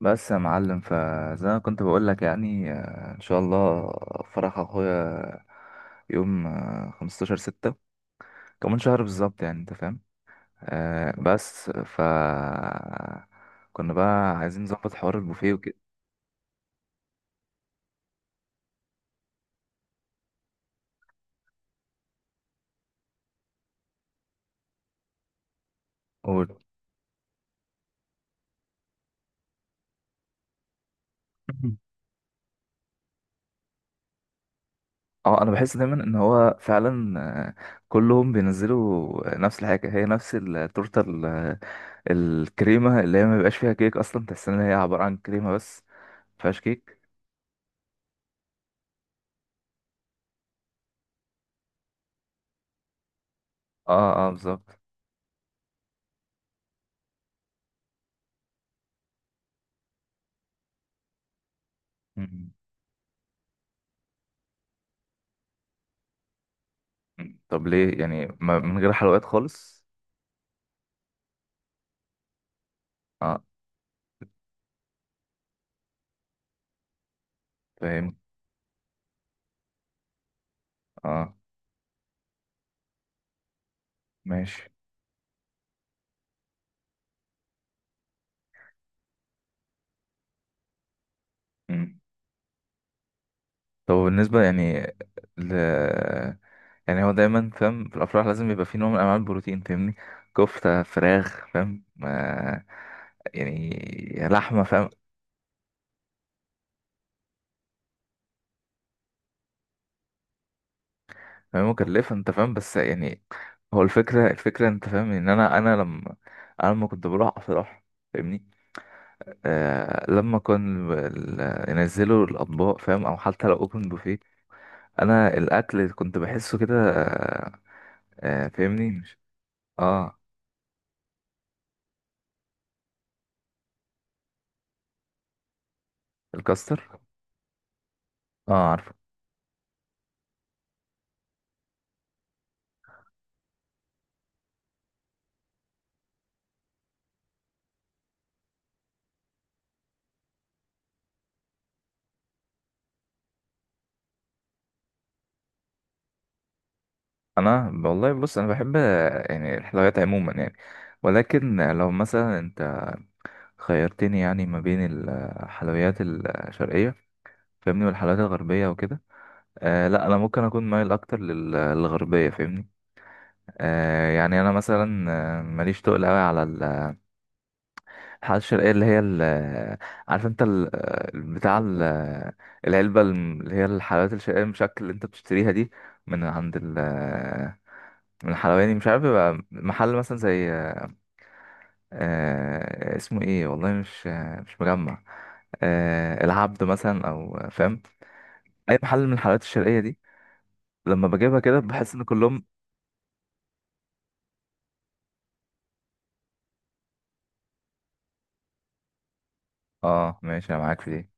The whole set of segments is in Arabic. بس يا معلم فزي ما كنت بقول لك يعني ان شاء الله فرح اخويا يوم 15 ستة، كمان شهر بالظبط، يعني انت فاهم. بس ف كنا بقى عايزين نظبط حوار البوفيه وكده. قول. اه، انا بحس دايما ان هو فعلا آه، كلهم بينزلوا نفس الحاجه، هي نفس التورته الكريمه اللي هي ما بيبقاش فيها كيك اصلا، تحس ان هي عباره عن كريمه بس، ما فيهاش كيك. اه اه بالظبط. طب ليه يعني؟ ما من غير حلويات خالص. اه فاهم. اه ماشي. مم. طب بالنسبة يعني ل... يعني هو دايما فاهم، في الأفراح لازم يبقى في نوع من أنواع البروتين، فاهمني؟ كفتة، فراخ، فاهم؟ آه، يعني لحمة، فاهم. فاهم مكلفة، أنت فاهم، بس يعني هو الفكرة، الفكرة أنت فاهم، إن أنا لما، أنا لما كنت بروح أفراح، فاهمني؟ آه، لما كان ينزلوا الأطباق، فاهم؟ أو حتى لو أوبن بوفيه، انا الاكل كنت بحسه كده فاهمني، مش. اه، الكاستر. اه عارفه. انا والله بص، انا بحب يعني الحلويات عموما، يعني، ولكن لو مثلا انت خيرتني يعني ما بين الحلويات الشرقيه، فاهمني، والحلويات الغربيه وكده، آه لا، انا ممكن اكون مايل اكتر للغربيه، فاهمني. آه يعني انا مثلا ماليش تقل قوي على الحلقات الشرقية، اللي هي ال، عارف انت ال، بتاع ال، العلبة اللي هي الحلويات الشرقية المشكل اللي انت بتشتريها دي، من عند ال، من الحلواني، مش عارف بيبقى محل مثلا زي اسمه ايه، والله مش مجمع، العبد مثلا، او فاهم، اي محل من الحلويات الشرقية دي، لما بجيبها كده بحس ان كلهم. اه ماشي، انا معاك في دي.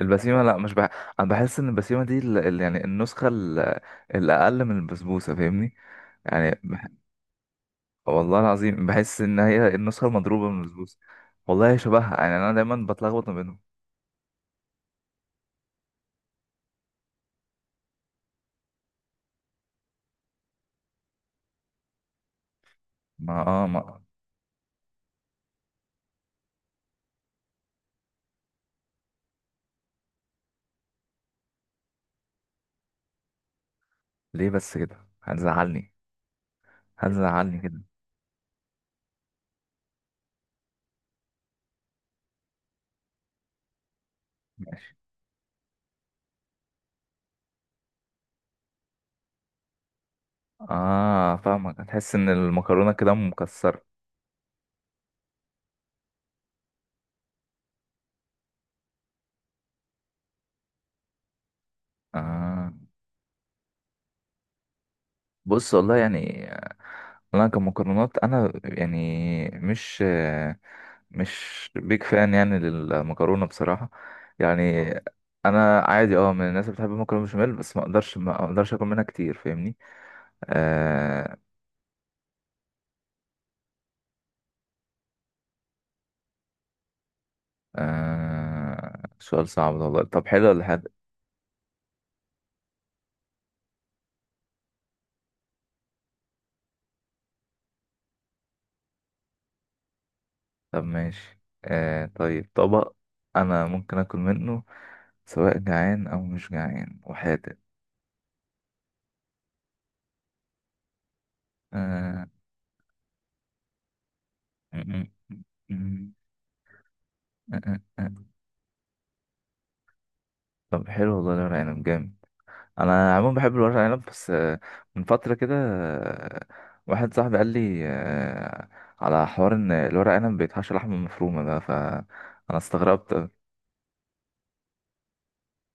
البسيمة، لا، مش بح... انا بحس ان البسيمة دي يعني النسخة الأقل من البسبوسة، فاهمني يعني. والله العظيم بحس ان هي النسخه المضروبه من البسبوسه. والله هي شبهها، يعني انا دايما بتلخبط ما بينهم. ما اه ما ليه بس كده، هتزعلني. هتزعلني كده. ماشي. اه فاهمك، هتحس ان المكرونه كده مكسره. اه بص والله يعني انا كمكرونات انا، يعني مش مش بيك فان يعني للمكرونه بصراحه، يعني. انا عادي، اه، من الناس اللي بتحب المكرونه بشاميل، بس ما اقدرش اكل منها كتير، فاهمني؟ آه. آه، سؤال صعب ده والله. طب، حلو ولا حادق؟ طب ماشي. آه طيب، طبق أنا ممكن آكل منه سواء جعان أو مش جعان، وحادق. آه م- م- م- م- م- طب حلو والله، الورق عنب جامد. أنا عموما بحب الورق عنب، بس من فترة كده واحد صاحبي قال لي آه، على حوار إن الورق عنب بيتحشى لحمة مفرومة، ده فأنا استغربت.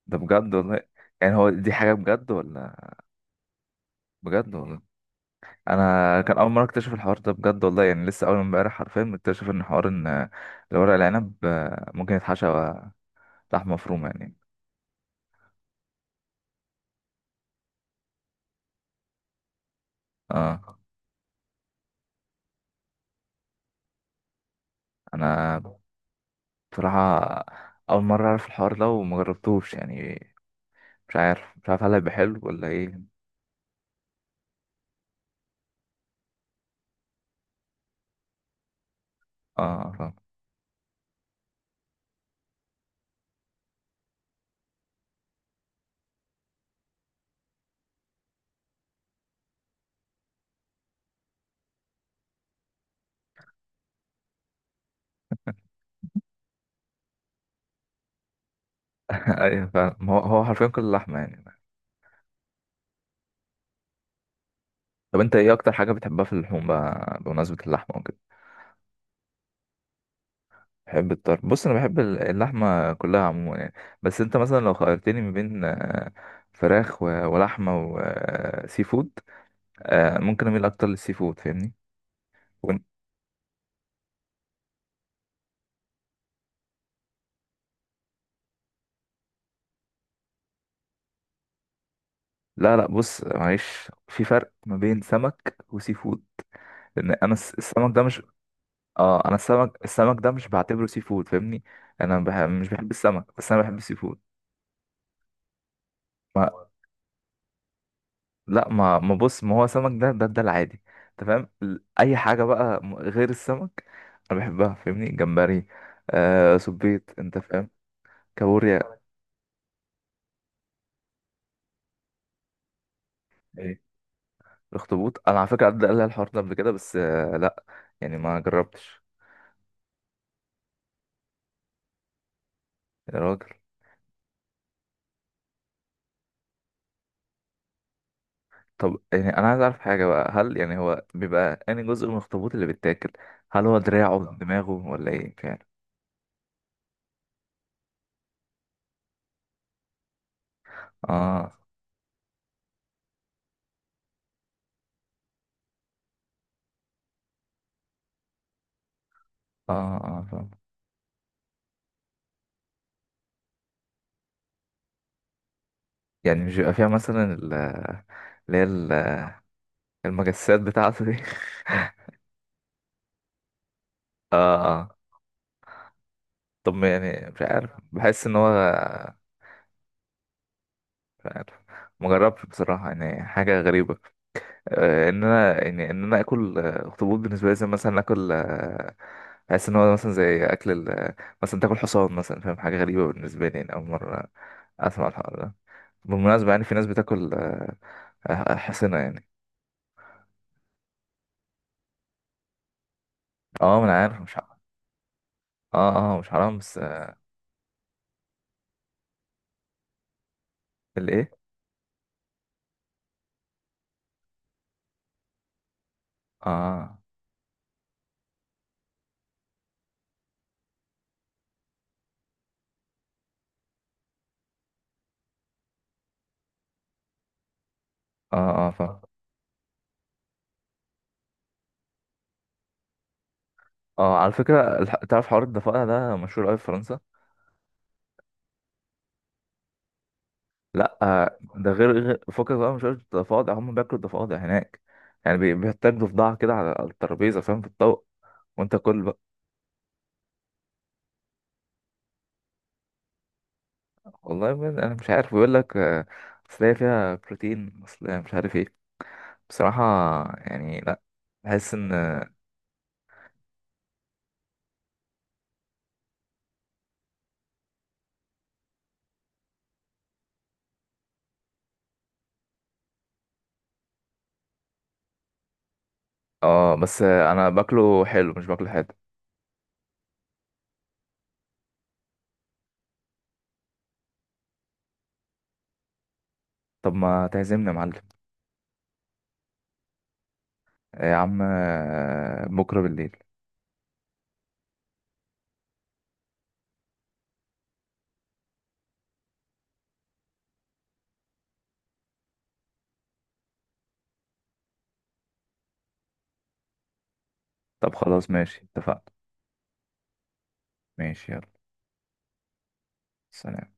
ده بجد والله؟ يعني هو دي حاجة بجد ولا؟ بجد والله، انا كان اول مره اكتشف الحوار ده، بجد والله، يعني لسه اول امبارح حرفيا مكتشف ان حوار ان الورق العنب ممكن يتحشى لحمه مفرومه، يعني. اه. انا بصراحه اول مره اعرف الحوار ده، وما جربتوش يعني. مش عارف، مش عارف، هل هيبقى حلو ولا ايه. اه فاهم. ايوه فاهم، هو هو حرفيا كل اللحمه، يعني. طب انت ايه اكتر حاجه بتحبها في اللحوم بقى بمناسبه اللحمه؟ بحب الطرب. بص، انا بحب اللحمه كلها عموما، يعني، بس انت مثلا لو خيرتني ما بين فراخ ولحمه وسي فود، ممكن اميل اكتر للسي فود، فاهمني؟ وإن- لا لا، بص معلش، في فرق ما بين سمك وسي فود، لان انا السمك ده مش. اه، انا السمك، السمك ده مش بعتبره سي فود، فاهمني. مش بحب السمك، بس انا بحب السي فود. لا ما بص، ما هو سمك ده، ده ده العادي، انت فاهم، اي حاجه بقى غير السمك انا بحبها، فاهمني؟ جمبري، آه، سبيط، انت فاهم، كابوريا. ايه؟ الاخطبوط. انا على فكره عدى قال لي الحوار ده قبل كده، بس آه لا، يعني ما جربتش. يا راجل. طب يعني انا عايز اعرف حاجه بقى، هل يعني هو بيبقى انهي جزء من الاخطبوط اللي بيتاكل؟ هل هو دراعه، دماغه، ولا ايه فعلا؟ اه اه اه فاهم. يعني مش بيبقى فيها مثلا اللي هي ال- المجسات بتاعته دي؟ اه اه. طب ما، يعني مش عارف، بحس ان هو. مش عارف، مجربتش بصراحة، يعني حاجة غريبة آه، ان انا يعني ان انا اكل اخطبوط، بالنسبة لي زي مثلا اكل بحس ان هو مثلا زي اكل مثلا تاكل حصان مثلا، فاهم؟ حاجة غريبة بالنسبة لي، يعني اول مرة اسمع الحوار ده. بالمناسبة يعني في ناس بتاكل حصنة يعني. اه ما انا عارف مش حرام. اه اه مش حرام، بس الايه؟ اه اه اه فاهم. اه، على فكرة تعرف حوار الضفادع ده مشهور قوي في فرنسا. لا ده فكك بقى، مش قصدي ضفادع، هم بياكلوا الضفادع هناك يعني، بيحتاجوا ضفدعة كده على على الترابيزة، فاهم؟ في الطوق وانت كل بقى. والله ما- انا مش عارف، بيقول لك اصل هي فيها بروتين، اصل هي مش عارف ايه. بصراحة يعني لا، بحس ان. اه بس انا باكله حلو مش باكله حادق. طب ما تعزمني يا معلم. يا عم بكرة بالليل. طب خلاص ماشي، اتفقنا. ماشي يلا، سلام.